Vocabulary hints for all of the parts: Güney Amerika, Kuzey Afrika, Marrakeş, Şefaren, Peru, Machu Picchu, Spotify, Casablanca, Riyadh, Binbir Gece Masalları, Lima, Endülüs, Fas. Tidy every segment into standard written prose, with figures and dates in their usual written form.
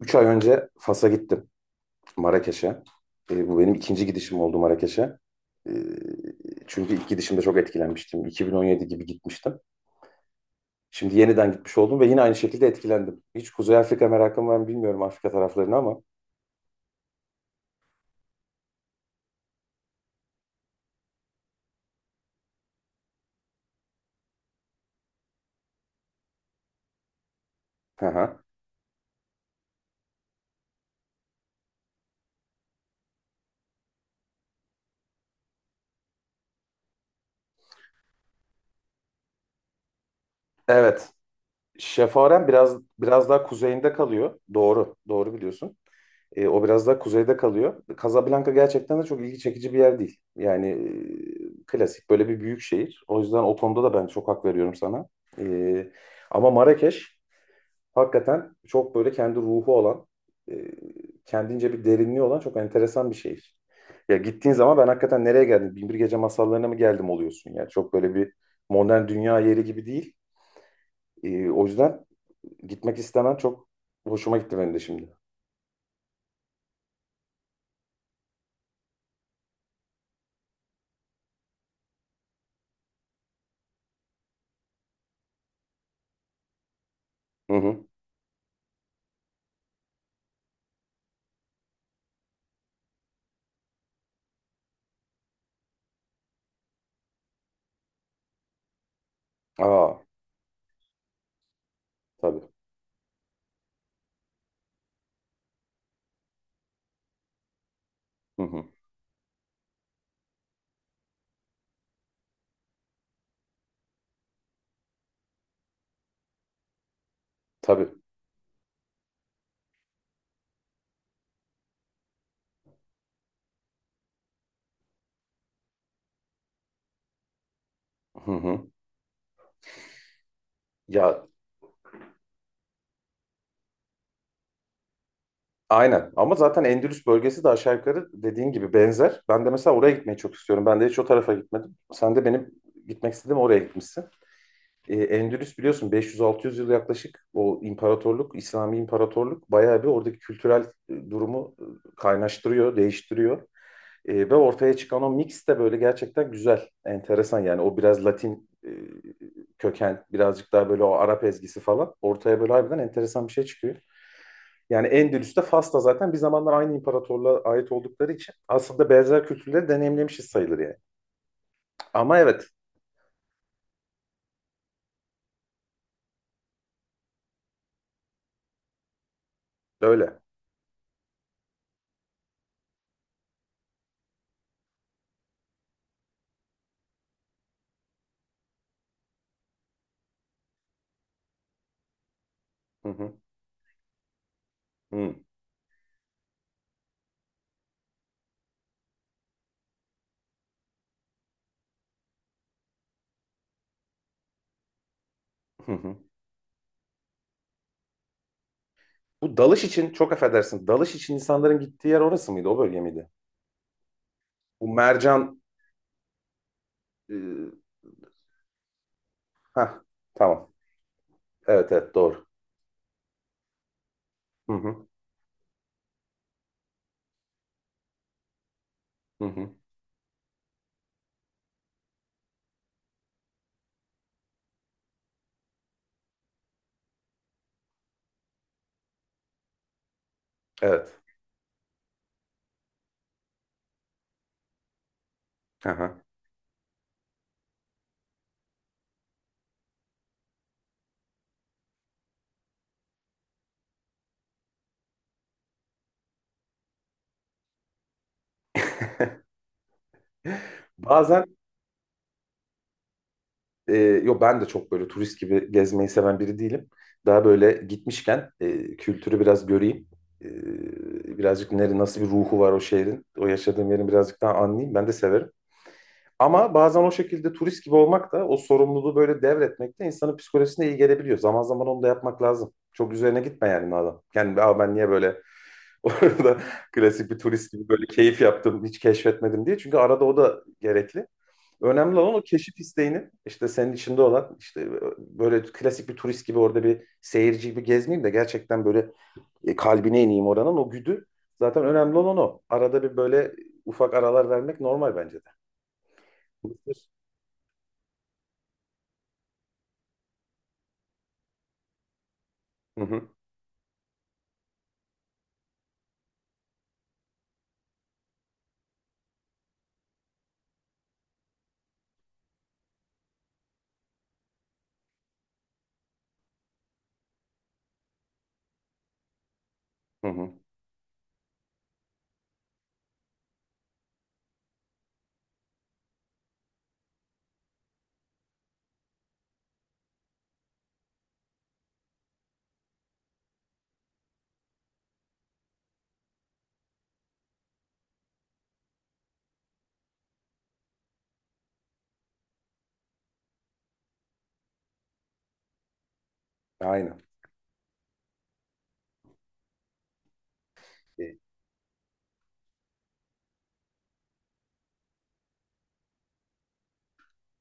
Üç ay önce Fas'a gittim, Marrakeş'e. Bu benim ikinci gidişim oldu Marrakeş'e. E, Çünkü ilk gidişimde çok etkilenmiştim. 2017 gibi gitmiştim. Şimdi yeniden gitmiş oldum ve yine aynı şekilde etkilendim. Hiç Kuzey Afrika merakım var mı bilmiyorum Afrika taraflarını ama. Hı hı. Evet, Şefaren biraz daha kuzeyinde kalıyor. Doğru, doğru biliyorsun. O biraz daha kuzeyde kalıyor. Casablanca gerçekten de çok ilgi çekici bir yer değil. Yani klasik böyle bir büyük şehir. O yüzden o konuda da ben çok hak veriyorum sana. E, Ama Marrakeş hakikaten çok böyle kendi ruhu olan, e, kendince bir derinliği olan çok enteresan bir şehir. Ya gittiğin zaman ben hakikaten nereye geldim? Binbir Gece Masallarına mı geldim oluyorsun yani. Çok böyle bir modern dünya yeri gibi değil. O yüzden gitmek istemem çok hoşuma gitti benim de şimdi. Hı hı. Aa, tabii. Hı hı. Tabii. Hı hı. Ya aynen, ama zaten Endülüs bölgesi de aşağı yukarı dediğin gibi benzer. Ben de mesela oraya gitmeyi çok istiyorum. Ben de hiç o tarafa gitmedim. Sen de benim gitmek istediğim oraya gitmişsin. Endülüs biliyorsun 500-600 yıl yaklaşık o imparatorluk, İslami imparatorluk bayağı bir oradaki kültürel durumu kaynaştırıyor, değiştiriyor. Ve ortaya çıkan o mix de böyle gerçekten güzel, enteresan yani o biraz Latin köken, birazcık daha böyle o Arap ezgisi falan ortaya böyle harbiden enteresan bir şey çıkıyor. Yani Endülüs'te Fas'ta zaten bir zamanlar aynı imparatorluğa ait oldukları için aslında benzer kültürleri deneyimlemişiz sayılır yani. Ama evet öyle. Hı hı. Hı hı. Hı. Bu dalış için, çok affedersin. Dalış için insanların gittiği yer orası mıydı? O bölge miydi? Bu mercan e, heh, tamam. Evet evet, doğru. Hı hı. Hı hı. Evet. Aha. Bazen e, yo, ben de çok böyle turist gibi gezmeyi seven biri değilim. Daha böyle gitmişken kültürü biraz göreyim. Birazcık nere, nasıl bir ruhu var o şehrin, o yaşadığım yerin birazcık daha anlayayım. Ben de severim. Ama bazen o şekilde turist gibi olmak da o sorumluluğu böyle devretmek de insanın psikolojisine iyi gelebiliyor. Zaman zaman onu da yapmak lazım. Çok üzerine gitme yani madem. Yani aa, ben niye böyle orada klasik bir turist gibi böyle keyif yaptım, hiç keşfetmedim diye. Çünkü arada o da gerekli. Önemli olan o keşif isteğinin işte senin içinde olan işte böyle klasik bir turist gibi orada bir seyirci gibi gezmeyeyim de gerçekten böyle kalbine ineyim oranın o güdü. Zaten önemli olan o. Arada bir böyle ufak aralar vermek normal bence de. Hı hı, hı hı. Aynen. E,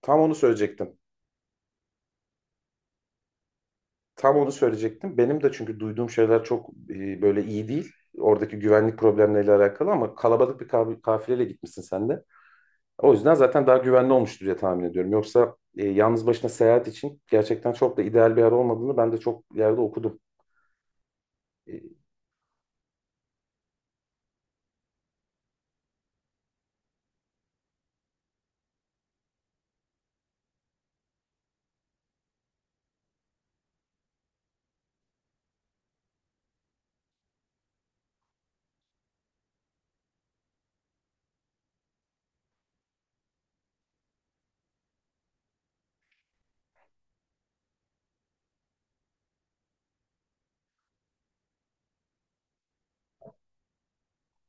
Tam onu söyleyecektim. Tam onu söyleyecektim. Benim de çünkü duyduğum şeyler çok böyle iyi değil. Oradaki güvenlik problemleriyle alakalı ama kalabalık bir kafileyle gitmişsin sen de. O yüzden zaten daha güvenli olmuştur diye tahmin ediyorum. Yoksa yalnız başına seyahat için gerçekten çok da ideal bir yer olmadığını ben de çok yerde okudum. E,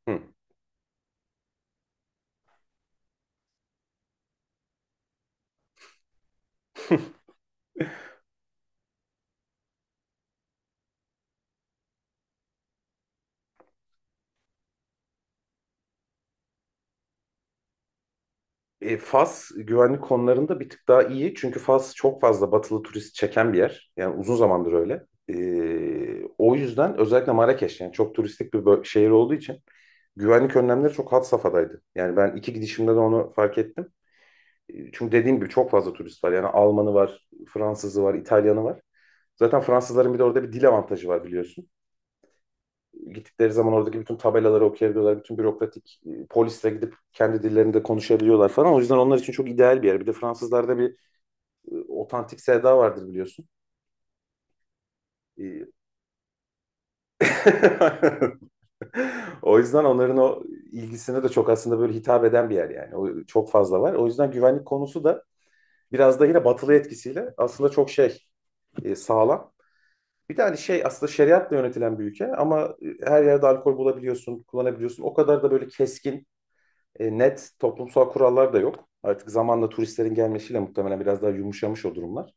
hı. Fas güvenlik konularında bir tık daha iyi. Çünkü Fas çok fazla batılı turist çeken bir yer. Yani uzun zamandır öyle. O yüzden özellikle Marrakeş yani çok turistik bir şehir olduğu için güvenlik önlemleri çok had safhadaydı. Yani ben iki gidişimde de onu fark ettim. Çünkü dediğim gibi çok fazla turist var. Yani Almanı var, Fransızı var, İtalyanı var. Zaten Fransızların bir de orada bir dil avantajı var biliyorsun. Gittikleri zaman oradaki bütün tabelaları okuyabiliyorlar. Bütün bürokratik polisle gidip kendi dillerinde konuşabiliyorlar falan. O yüzden onlar için çok ideal bir yer. Bir de Fransızlarda bir otantik sevda vardır biliyorsun. E, O yüzden onların o ilgisine de çok aslında böyle hitap eden bir yer yani. O çok fazla var. O yüzden güvenlik konusu da biraz da yine batılı etkisiyle aslında çok şey sağlam. Bir de hani şey aslında şeriatla yönetilen bir ülke ama her yerde alkol bulabiliyorsun, kullanabiliyorsun. O kadar da böyle keskin, net toplumsal kurallar da yok. Artık zamanla turistlerin gelmesiyle muhtemelen biraz daha yumuşamış o durumlar.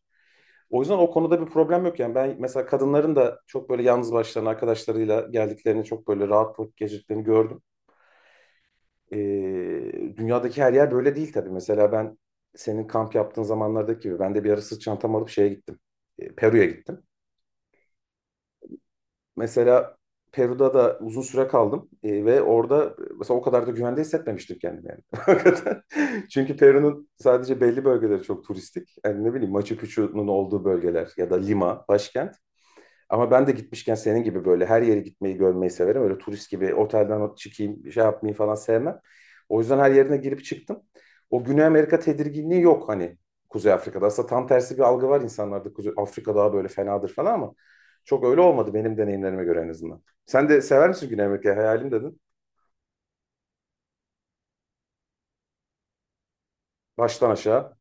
O yüzden o konuda bir problem yok yani. Ben mesela kadınların da çok böyle yalnız başlarına arkadaşlarıyla geldiklerini, çok böyle rahatlık geçirdiklerini gördüm. E, Dünyadaki her yer böyle değil tabii. Mesela ben senin kamp yaptığın zamanlardaki gibi ben de bir ara sırt çantam alıp şeye gittim. Peru'ya gittim. Mesela Peru'da da uzun süre kaldım. Ve orada mesela o kadar da güvende hissetmemiştim kendimi yani. Hakikaten. Çünkü Peru'nun sadece belli bölgeleri çok turistik. Yani ne bileyim Machu Picchu'nun olduğu bölgeler ya da Lima, başkent. Ama ben de gitmişken senin gibi böyle her yere gitmeyi görmeyi severim. Öyle turist gibi otelden çıkayım, şey yapmayı falan sevmem. O yüzden her yerine girip çıktım. O Güney Amerika tedirginliği yok hani Kuzey Afrika'da. Aslında tam tersi bir algı var insanlarda. Kuzey Afrika daha böyle fenadır falan ama çok öyle olmadı benim deneyimlerime göre en azından. Sen de sever misin Güney Amerika'yı? Hayalim dedin. Baştan aşağı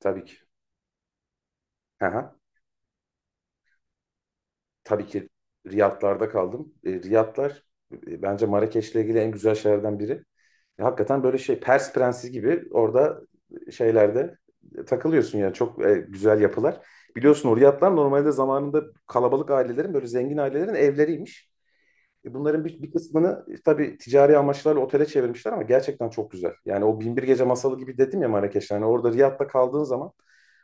tabii ki. Hı hı. Tabii ki Riyadlar'da kaldım. Riyadlar bence Marrakeş'le ilgili en güzel şeylerden biri. Hakikaten böyle şey Pers prensi gibi orada şeylerde takılıyorsun yani çok güzel yapılar. Biliyorsun o Riyadlar normalde zamanında kalabalık ailelerin böyle zengin ailelerin evleriymiş. Bunların bir kısmını tabii ticari amaçlarla otele çevirmişler ama gerçekten çok güzel. Yani o Binbir Gece masalı gibi dedim ya Marrakeş'te. Yani orada Riyad'da kaldığın zaman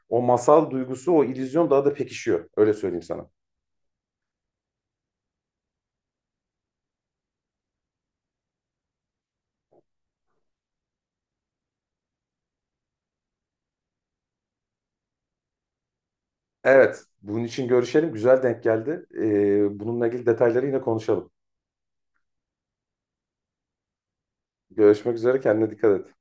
o masal duygusu, o illüzyon daha da pekişiyor. Öyle söyleyeyim sana. Evet, bunun için görüşelim. Güzel denk geldi. Bununla ilgili detayları yine konuşalım. Görüşmek üzere, kendine dikkat et.